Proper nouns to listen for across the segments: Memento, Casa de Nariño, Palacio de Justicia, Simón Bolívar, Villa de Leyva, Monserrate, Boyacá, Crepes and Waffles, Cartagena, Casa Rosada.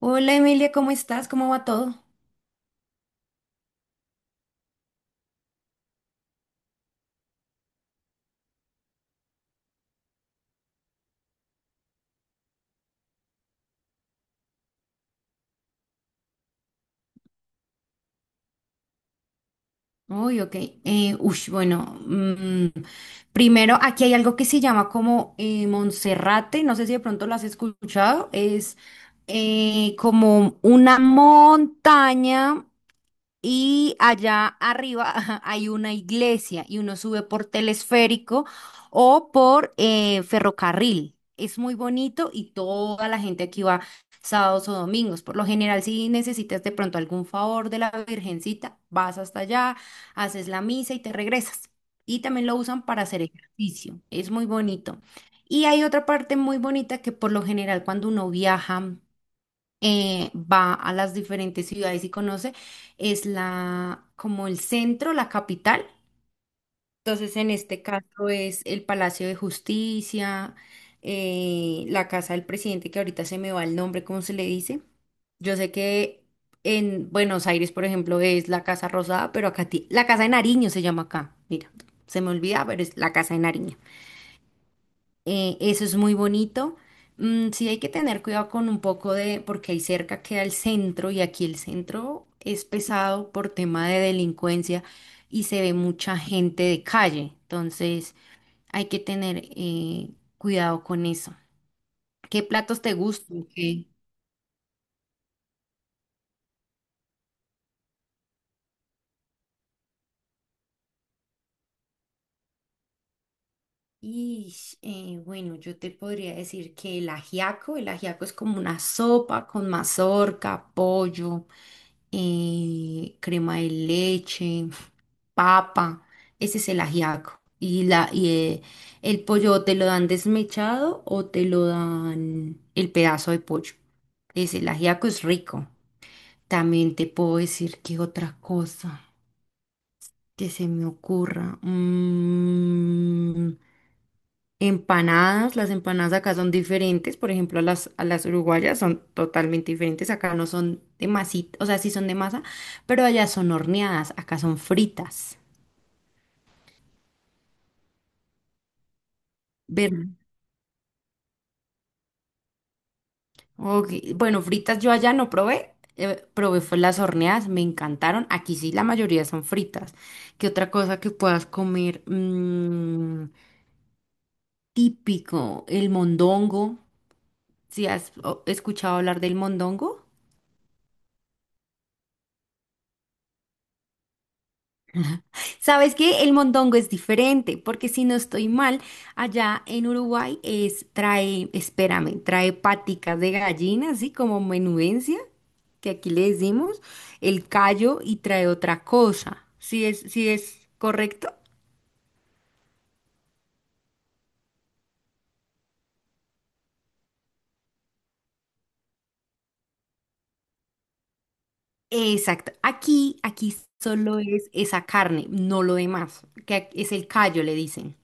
Hola Emilia, ¿cómo estás? ¿Cómo va todo? Uy, ok. Bueno, primero aquí hay algo que se llama como Monserrate, no sé si de pronto lo has escuchado, es como una montaña. Y allá arriba ajá, hay una iglesia y uno sube por telesférico o por ferrocarril. Es muy bonito y toda la gente aquí va sábados o domingos. Por lo general, si necesitas de pronto algún favor de la Virgencita, vas hasta allá, haces la misa y te regresas. Y también lo usan para hacer ejercicio. Es muy bonito. Y hay otra parte muy bonita que por lo general cuando uno viaja va a las diferentes ciudades y conoce, es la, como el centro, la capital. Entonces, en este caso es el Palacio de Justicia, la casa del presidente, que ahorita se me va el nombre, ¿cómo se le dice? Yo sé que en Buenos Aires, por ejemplo, es la Casa Rosada, pero acá la Casa de Nariño se llama acá. Mira, se me olvida, pero es la Casa de Nariño. Eso es muy bonito. Mm, sí hay que tener cuidado con un poco de, porque ahí cerca queda el centro y aquí el centro es pesado por tema de delincuencia y se ve mucha gente de calle. Entonces hay que tener cuidado con eso. ¿Qué platos te gustan? ¿Qué? Y bueno, yo te podría decir que el ajiaco es como una sopa con mazorca, pollo, crema de leche, papa. Ese es el ajiaco. Y, la, y el pollo o te lo dan desmechado o te lo dan el pedazo de pollo. Es el ajiaco es rico. También te puedo decir que otra cosa que se me ocurra. Mm, empanadas, las empanadas acá son diferentes, por ejemplo, a las uruguayas son totalmente diferentes, acá no son de masita, o sea, sí son de masa, pero allá son horneadas, acá son fritas. Ver, ok, bueno, fritas yo allá no probé, probé fue las horneadas, me encantaron, aquí sí la mayoría son fritas. ¿Qué otra cosa que puedas comer? Mm, típico, el mondongo, ¿si has escuchado hablar del mondongo? Sabes que el mondongo es diferente, porque si no estoy mal, allá en Uruguay es, trae, espérame, trae paticas de gallina, así como menudencia, que aquí le decimos, el callo y trae otra cosa. Sí es correcto? Exacto. Aquí solo es esa carne, no lo demás, que es el callo, le dicen.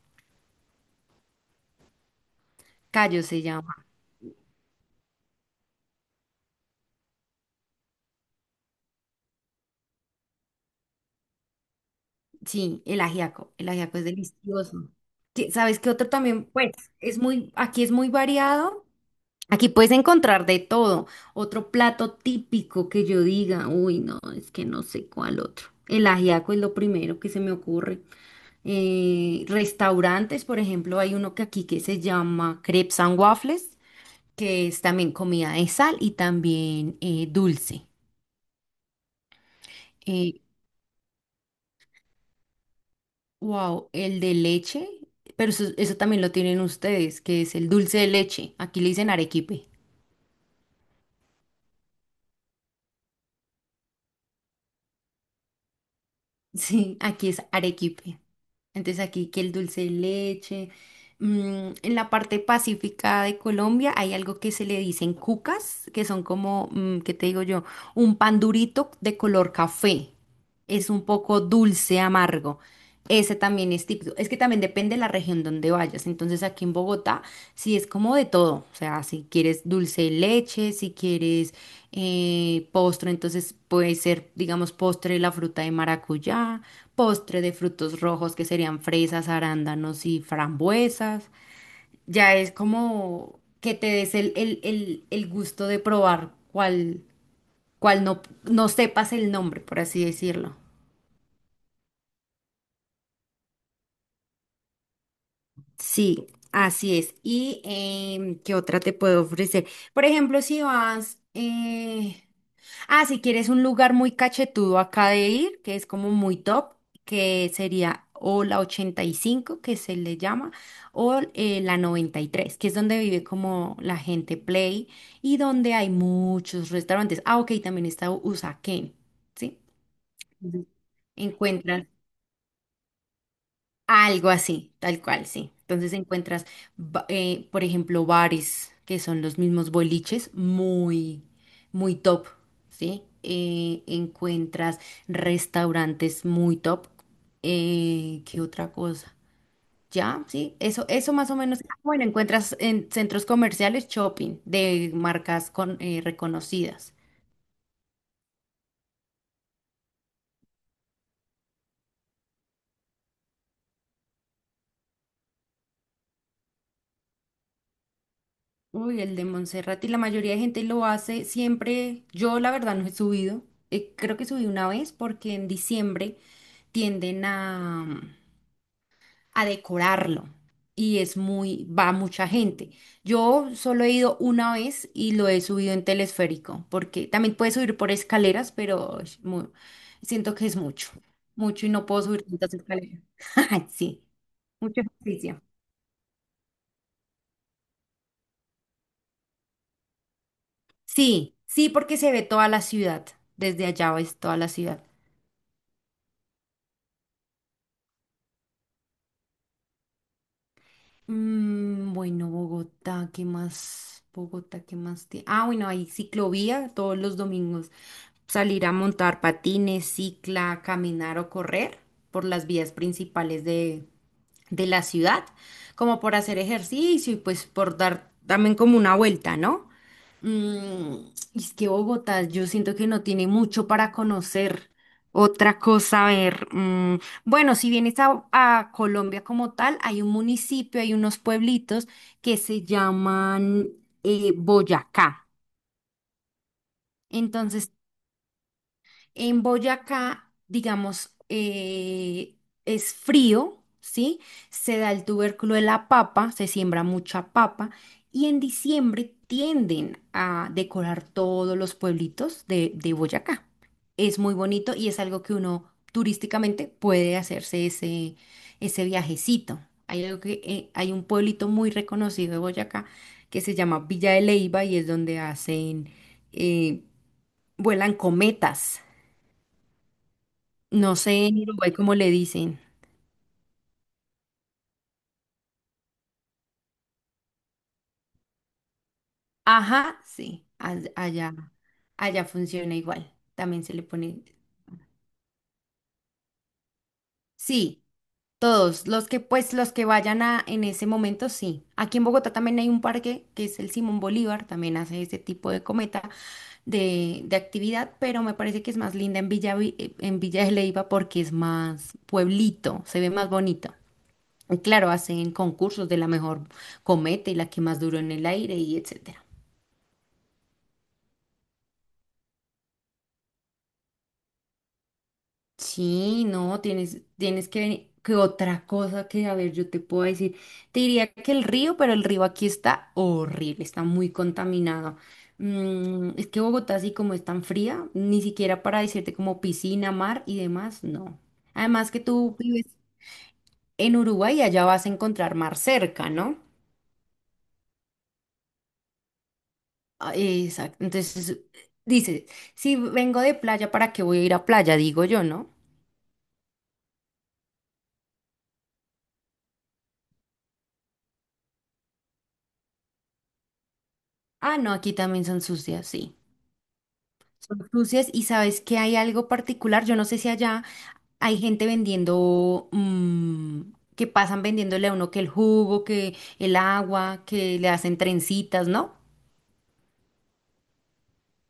Callo se llama. Sí, el ajiaco. El ajiaco es delicioso. ¿Sabes qué otro también? Pues es muy, aquí es muy variado. Aquí puedes encontrar de todo. Otro plato típico que yo diga, uy, no, es que no sé cuál otro. El ajiaco es lo primero que se me ocurre. Restaurantes, por ejemplo, hay uno que aquí que se llama Crepes and Waffles, que es también comida de sal y también dulce. Eh, wow, el de leche, pero eso también lo tienen ustedes, que es el dulce de leche. Aquí le dicen arequipe. Sí, aquí es arequipe. Entonces aquí que el dulce de leche. Mm, en la parte pacífica de Colombia hay algo que se le dicen cucas, que son como, mm, ¿qué te digo yo? Un pan durito de color café. Es un poco dulce, amargo. Ese también es típico. Es que también depende de la región donde vayas. Entonces aquí en Bogotá sí es como de todo. O sea, si quieres dulce de leche, si quieres postre, entonces puede ser, digamos, postre de la fruta de maracuyá, postre de frutos rojos que serían fresas, arándanos y frambuesas. Ya es como que te des el gusto de probar cuál, cuál no, no sepas el nombre, por así decirlo. Sí, así es. ¿Y qué otra te puedo ofrecer? Por ejemplo, si vas, si quieres un lugar muy cachetudo acá de ir, que es como muy top, que sería o la 85, que se le llama, o la 93, que es donde vive como la gente play y donde hay muchos restaurantes. Ah, ok, también está Usaquén, ¿sí? Ujú. Encuentras algo así, tal cual, sí. Entonces encuentras, por ejemplo, bares que son los mismos boliches, muy, muy top, ¿sí? Encuentras restaurantes muy top. ¿Qué otra cosa? Ya, sí, eso más o menos. Ah, bueno, encuentras en centros comerciales shopping de marcas con, reconocidas. Uy, el de Montserrat y la mayoría de gente lo hace siempre. Yo la verdad no he subido. Creo que subí una vez porque en diciembre tienden a decorarlo y es muy, va mucha gente. Yo solo he ido una vez y lo he subido en telesférico porque también puedes subir por escaleras, pero es siento que es mucho, mucho y no puedo subir tantas escaleras. Sí, mucho ejercicio. Sí, sí, porque se ve toda la ciudad. Desde allá ves toda la ciudad. Mm, bueno, Bogotá, ¿qué más? Bogotá, ¿qué más? Ah, bueno, hay ciclovía todos los domingos. Salir a montar patines, cicla, caminar o correr por las vías principales de la ciudad, como por hacer ejercicio y pues por dar también como una vuelta, ¿no? Mm, y es que Bogotá, yo siento que no tiene mucho para conocer. Otra cosa, a ver, mm, bueno, si vienes a Colombia como tal, hay un municipio, hay unos pueblitos que se llaman Boyacá. Entonces en Boyacá, digamos, es frío, ¿sí? Se da el tubérculo de la papa, se siembra mucha papa y en diciembre tienden a decorar todos los pueblitos de Boyacá. Es muy bonito y es algo que uno turísticamente puede hacerse ese, ese viajecito. Hay algo que, hay un pueblito muy reconocido de Boyacá que se llama Villa de Leyva y es donde hacen, eh, vuelan cometas. No sé en Uruguay cómo le dicen. Ajá, sí, allá, allá funciona igual. También se le pone. Sí, todos, los que pues los que vayan a en ese momento, sí. Aquí en Bogotá también hay un parque que es el Simón Bolívar, también hace ese tipo de cometa de actividad, pero me parece que es más linda en Villa, en Villa de Leyva porque es más pueblito, se ve más bonito. Y claro, hacen concursos de la mejor cometa y la que más duró en el aire y etc. Sí, no, tienes, tienes que venir. Que otra cosa que, a ver, yo te puedo decir, te diría que el río, pero el río aquí está horrible, está muy contaminado. Mm, es que Bogotá, así como es tan fría, ni siquiera para decirte como piscina, mar y demás, no. Además que tú vives en Uruguay y allá vas a encontrar mar cerca, ¿no? Ah, exacto. Entonces, dices, si vengo de playa, ¿para qué voy a ir a playa? Digo yo, ¿no? Ah, no, aquí también son sucias, sí. Son cruces y sabes que hay algo particular, yo no sé si allá hay gente vendiendo, mm, que pasan vendiéndole a uno que el jugo, que el agua, que le hacen trencitas, ¿no?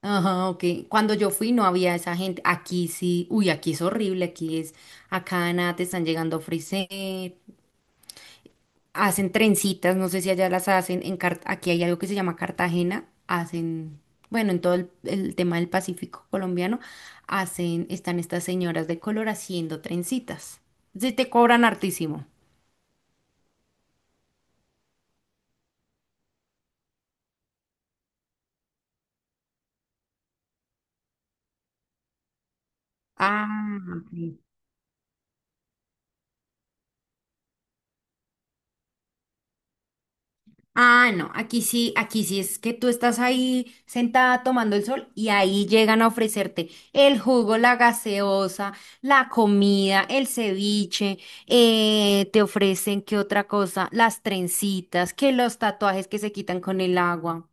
Ajá, ok. Cuando yo fui no había esa gente. Aquí sí, uy, aquí es horrible, aquí es, acá nada, te están llegando frisés, hacen trencitas, no sé si allá las hacen, en aquí hay algo que se llama Cartagena, hacen, bueno, en todo el tema del Pacífico colombiano, hacen, están estas señoras de color haciendo trencitas. Sí te cobran hartísimo. Ah, ok. Ah, no, aquí sí es que tú estás ahí sentada tomando el sol y ahí llegan a ofrecerte el jugo, la gaseosa, la comida, el ceviche, te ofrecen qué otra cosa, las trencitas, que los tatuajes que se quitan con el agua.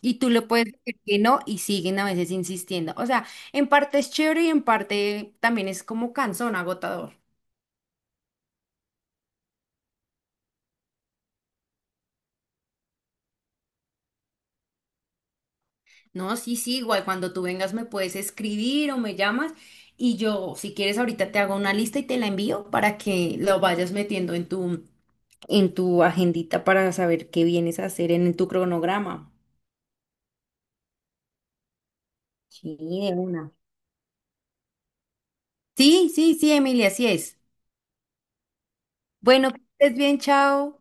Y tú le puedes decir que no y siguen a veces insistiendo. O sea, en parte es chévere y en parte también es como cansón, agotador. No, sí, sí, igual cuando tú vengas me puedes escribir o me llamas y yo, si quieres, ahorita te hago una lista y te la envío para que lo vayas metiendo en tu agendita para saber qué vienes a hacer en tu cronograma. Sí, de una. Sí, sí, sí, Emilia, así es. Bueno, que estés bien, chao.